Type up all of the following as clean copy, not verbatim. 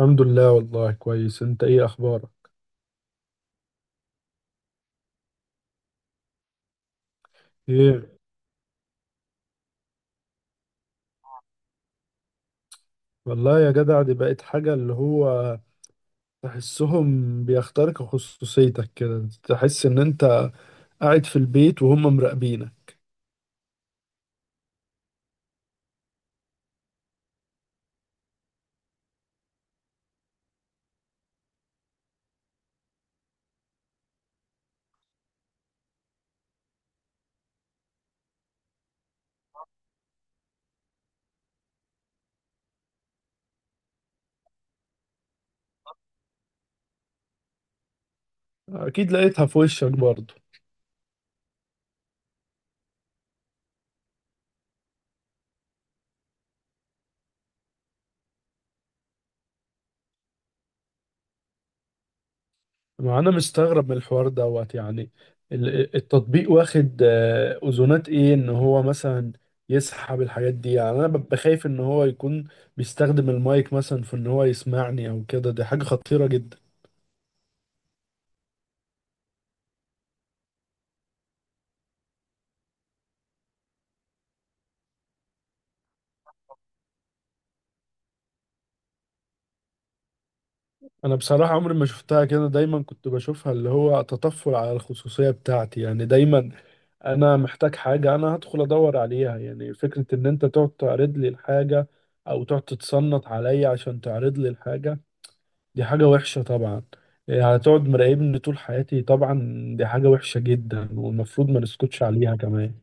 الحمد لله والله كويس. انت ايه اخبارك؟ ايه، والله يا جدع دي بقت حاجة اللي هو تحسهم بيخترقوا خصوصيتك كده، تحس ان انت قاعد في البيت وهم مراقبينك. اكيد لقيتها في وشك برضه. ما انا مستغرب من الحوار دوت، يعني التطبيق واخد اذونات ايه ان هو مثلا يسحب الحاجات دي، يعني انا ببقى خايف ان هو يكون بيستخدم المايك مثلا في ان هو يسمعني او كده. دي حاجة خطيرة جدا. انا بصراحة عمري ما شفتها كده، دايما كنت بشوفها اللي هو تطفل على الخصوصية بتاعتي يعني. دايما انا محتاج حاجة انا هدخل ادور عليها، يعني فكرة ان انت تقعد تعرض لي الحاجة او تقعد تتصنت عليا عشان تعرض لي الحاجة، دي حاجة وحشة طبعا. إيه، هتقعد مراقبني طول حياتي طبعا؟ دي حاجة وحشة جدا، والمفروض ما نسكتش عليها كمان.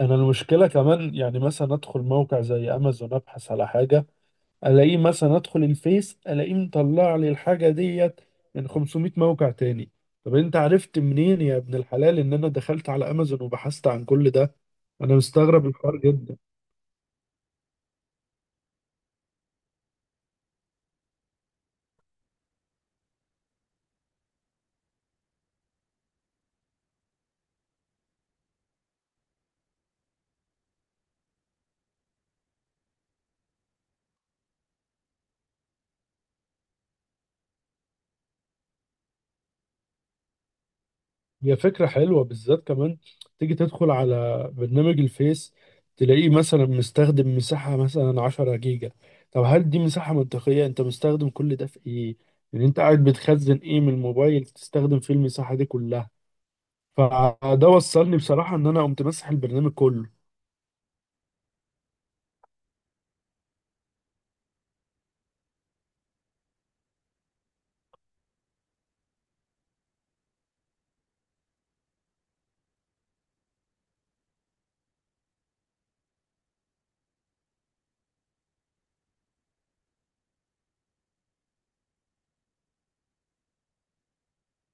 انا المشكلة كمان يعني مثلا ادخل موقع زي امازون ابحث على حاجة، الاقيه، مثلا ادخل الفيس الاقيه مطلع لي الحاجه ديت من 500 موقع تاني. طب انت عرفت منين يا ابن الحلال ان انا دخلت على امازون وبحثت عن كل ده؟ انا مستغرب الحوار جدا. هي فكره حلوه بالذات كمان، تيجي تدخل على برنامج الفيس تلاقيه مثلا مستخدم مساحه مثلا 10 جيجا. طب هل دي مساحه منطقيه؟ انت مستخدم كل ده في ايه؟ يعني انت قاعد بتخزن ايه من الموبايل تستخدم فيه المساحه دي كلها؟ فده وصلني بصراحة ان انا قمت مسح البرنامج كله.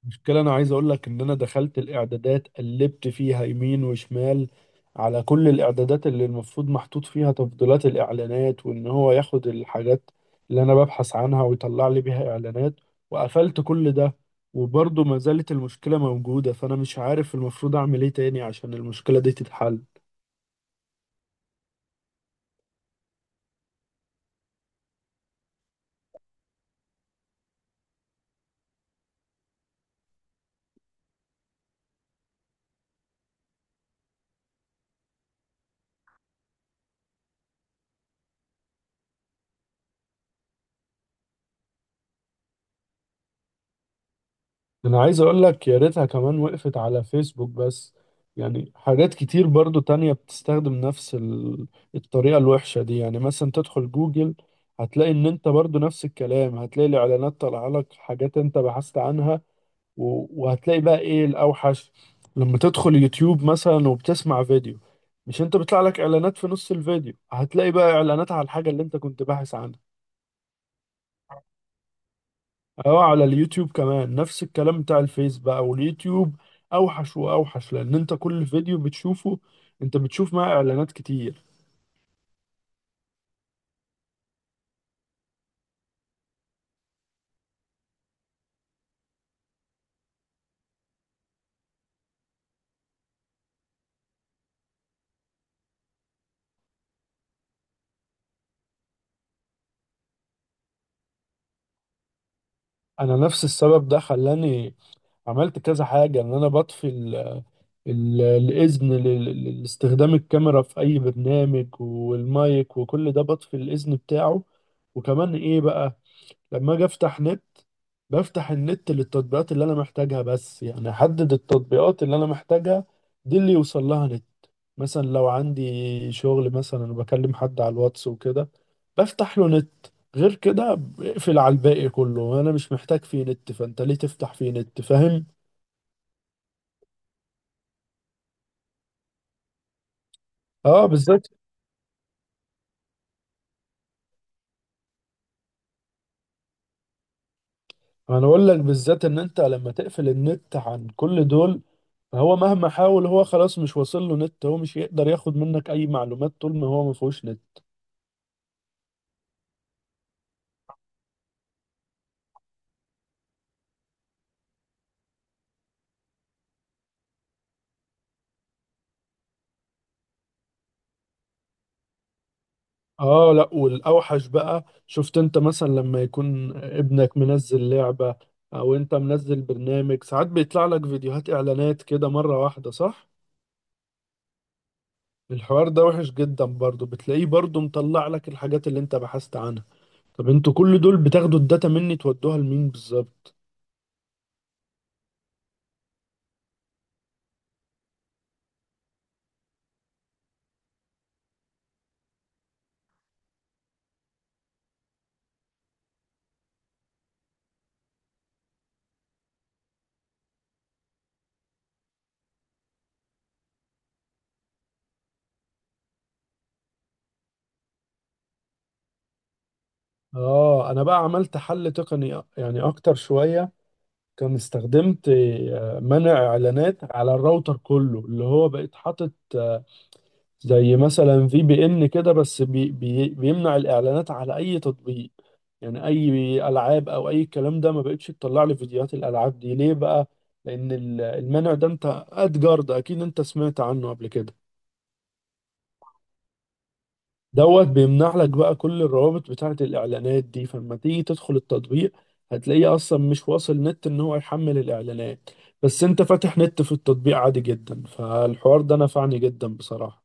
المشكلة انا عايز اقول لك ان انا دخلت الاعدادات، قلبت فيها يمين وشمال، على كل الاعدادات اللي المفروض محطوط فيها تفضيلات الاعلانات وان هو ياخد الحاجات اللي انا ببحث عنها ويطلع لي بيها اعلانات، وقفلت كل ده، وبرضه ما زالت المشكلة موجودة. فانا مش عارف المفروض اعمل ايه تاني عشان المشكلة دي تتحل. انا عايز اقول لك يا ريتها كمان وقفت على فيسبوك بس، يعني حاجات كتير برضو تانية بتستخدم نفس الطريقة الوحشة دي. يعني مثلا تدخل جوجل، هتلاقي ان انت برضو نفس الكلام، هتلاقي الاعلانات طالعة لك حاجات انت بحثت عنها. وهتلاقي بقى ايه الاوحش؟ لما تدخل يوتيوب مثلا وبتسمع فيديو، مش انت بيطلع لك اعلانات في نص الفيديو؟ هتلاقي بقى اعلانات على الحاجة اللي انت كنت باحث عنها. اه، على اليوتيوب كمان نفس الكلام بتاع الفيس بقى. واليوتيوب اوحش واوحش، لان انت كل فيديو بتشوفه انت بتشوف معاه اعلانات كتير. انا نفس السبب ده خلاني عملت كذا حاجة، ان انا بطفي الاذن لاستخدام الكاميرا في اي برنامج والمايك وكل ده، بطفي الاذن بتاعه. وكمان ايه بقى؟ لما اجي افتح نت، بفتح النت للتطبيقات اللي انا محتاجها بس، يعني احدد التطبيقات اللي انا محتاجها دي اللي يوصل لها نت. مثلا لو عندي شغل مثلا، وبكلم حد على الواتس وكده، بفتح له نت. غير كده بقفل على الباقي كله، انا مش محتاج فيه نت، فانت ليه تفتح فيه نت؟ فاهم؟ اه، بالذات. انا اقول لك، بالذات ان انت لما تقفل النت عن كل دول، هو مهما حاول هو خلاص مش واصل له نت، هو مش هيقدر ياخد منك اي معلومات طول ما هو ما فيهوش نت. اه، لا، والاوحش بقى، شفت انت مثلا لما يكون ابنك منزل لعبة او انت منزل برنامج، ساعات بيطلع لك فيديوهات اعلانات كده مرة واحدة، صح؟ الحوار ده وحش جدا. برضو بتلاقيه برضو مطلع لك الحاجات اللي انت بحثت عنها. طب انتوا كل دول بتاخدوا الداتا مني تودوها لمين بالظبط؟ اه، انا بقى عملت حل تقني يعني اكتر شوية. كان استخدمت منع اعلانات على الراوتر كله، اللي هو بقيت حاطط زي مثلا في بي ان كده، بس بي بيمنع الاعلانات على اي تطبيق، يعني اي العاب او اي الكلام ده ما بقتش تطلع لي. فيديوهات الالعاب دي ليه بقى؟ لان المنع ده، انت ادجار ده اكيد انت سمعت عنه قبل كده، دوت بيمنع لك بقى كل الروابط بتاعه الاعلانات دي. فلما تيجي تدخل التطبيق هتلاقيه اصلا مش واصل نت ان هو يحمل الاعلانات، بس انت فاتح نت في التطبيق عادي جدا، فالحوار ده نفعني جدا بصراحة.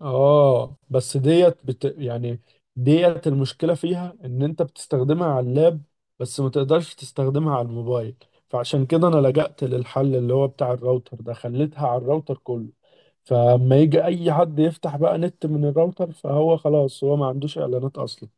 اه، بس يعني ديت المشكلة فيها ان انت بتستخدمها على اللاب بس، ما تقدرش تستخدمها على الموبايل. فعشان كده انا لجأت للحل اللي هو بتاع الراوتر ده، خليتها على الراوتر كله. فلما يجي اي حد يفتح بقى نت من الراوتر، فهو خلاص هو ما عندوش اعلانات اصلا.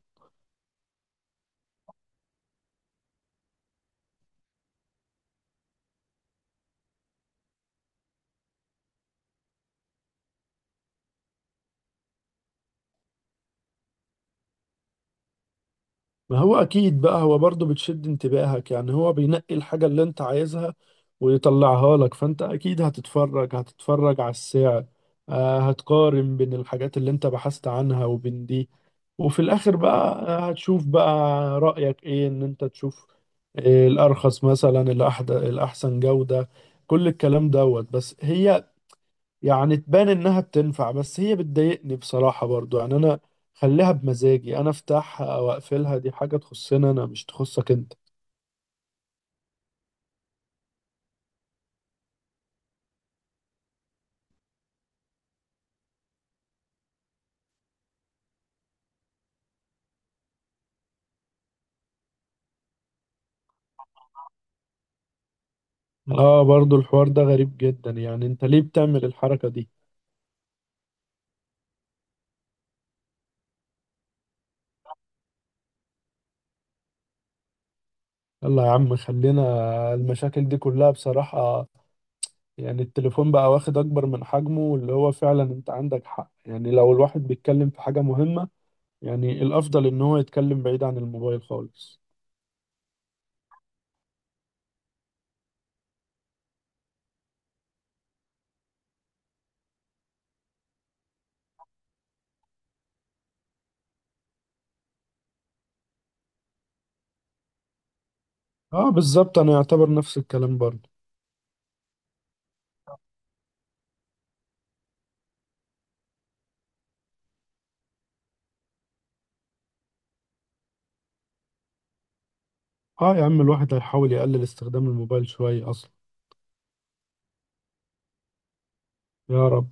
ما هو اكيد بقى هو برضه بتشد انتباهك، يعني هو بينقي الحاجة اللي انت عايزها ويطلعها لك، فانت اكيد هتتفرج على السعر، هتقارن بين الحاجات اللي انت بحثت عنها وبين دي، وفي الاخر بقى هتشوف بقى رأيك ايه، ان انت تشوف الارخص مثلا، الاحسن جودة، كل الكلام دوت. بس هي يعني تبان انها بتنفع، بس هي بتضايقني بصراحة برضو. يعني انا خليها بمزاجي، انا افتحها او اقفلها، دي حاجة تخصنا انا، مش تخصك انت. اه، برضو الحوار ده غريب جدا، يعني انت ليه بتعمل الحركة دي؟ يلا يا عم خلينا، المشاكل دي كلها بصراحة، يعني التليفون بقى واخد اكبر من حجمه اللي هو. فعلا انت عندك حق، يعني لو الواحد بيتكلم في حاجة مهمة، يعني الافضل ان هو يتكلم بعيد عن الموبايل خالص. اه، بالظبط، انا يعتبر نفس الكلام برضو. اه، يا عم الواحد هيحاول يقلل استخدام الموبايل شوية اصلا. يا رب.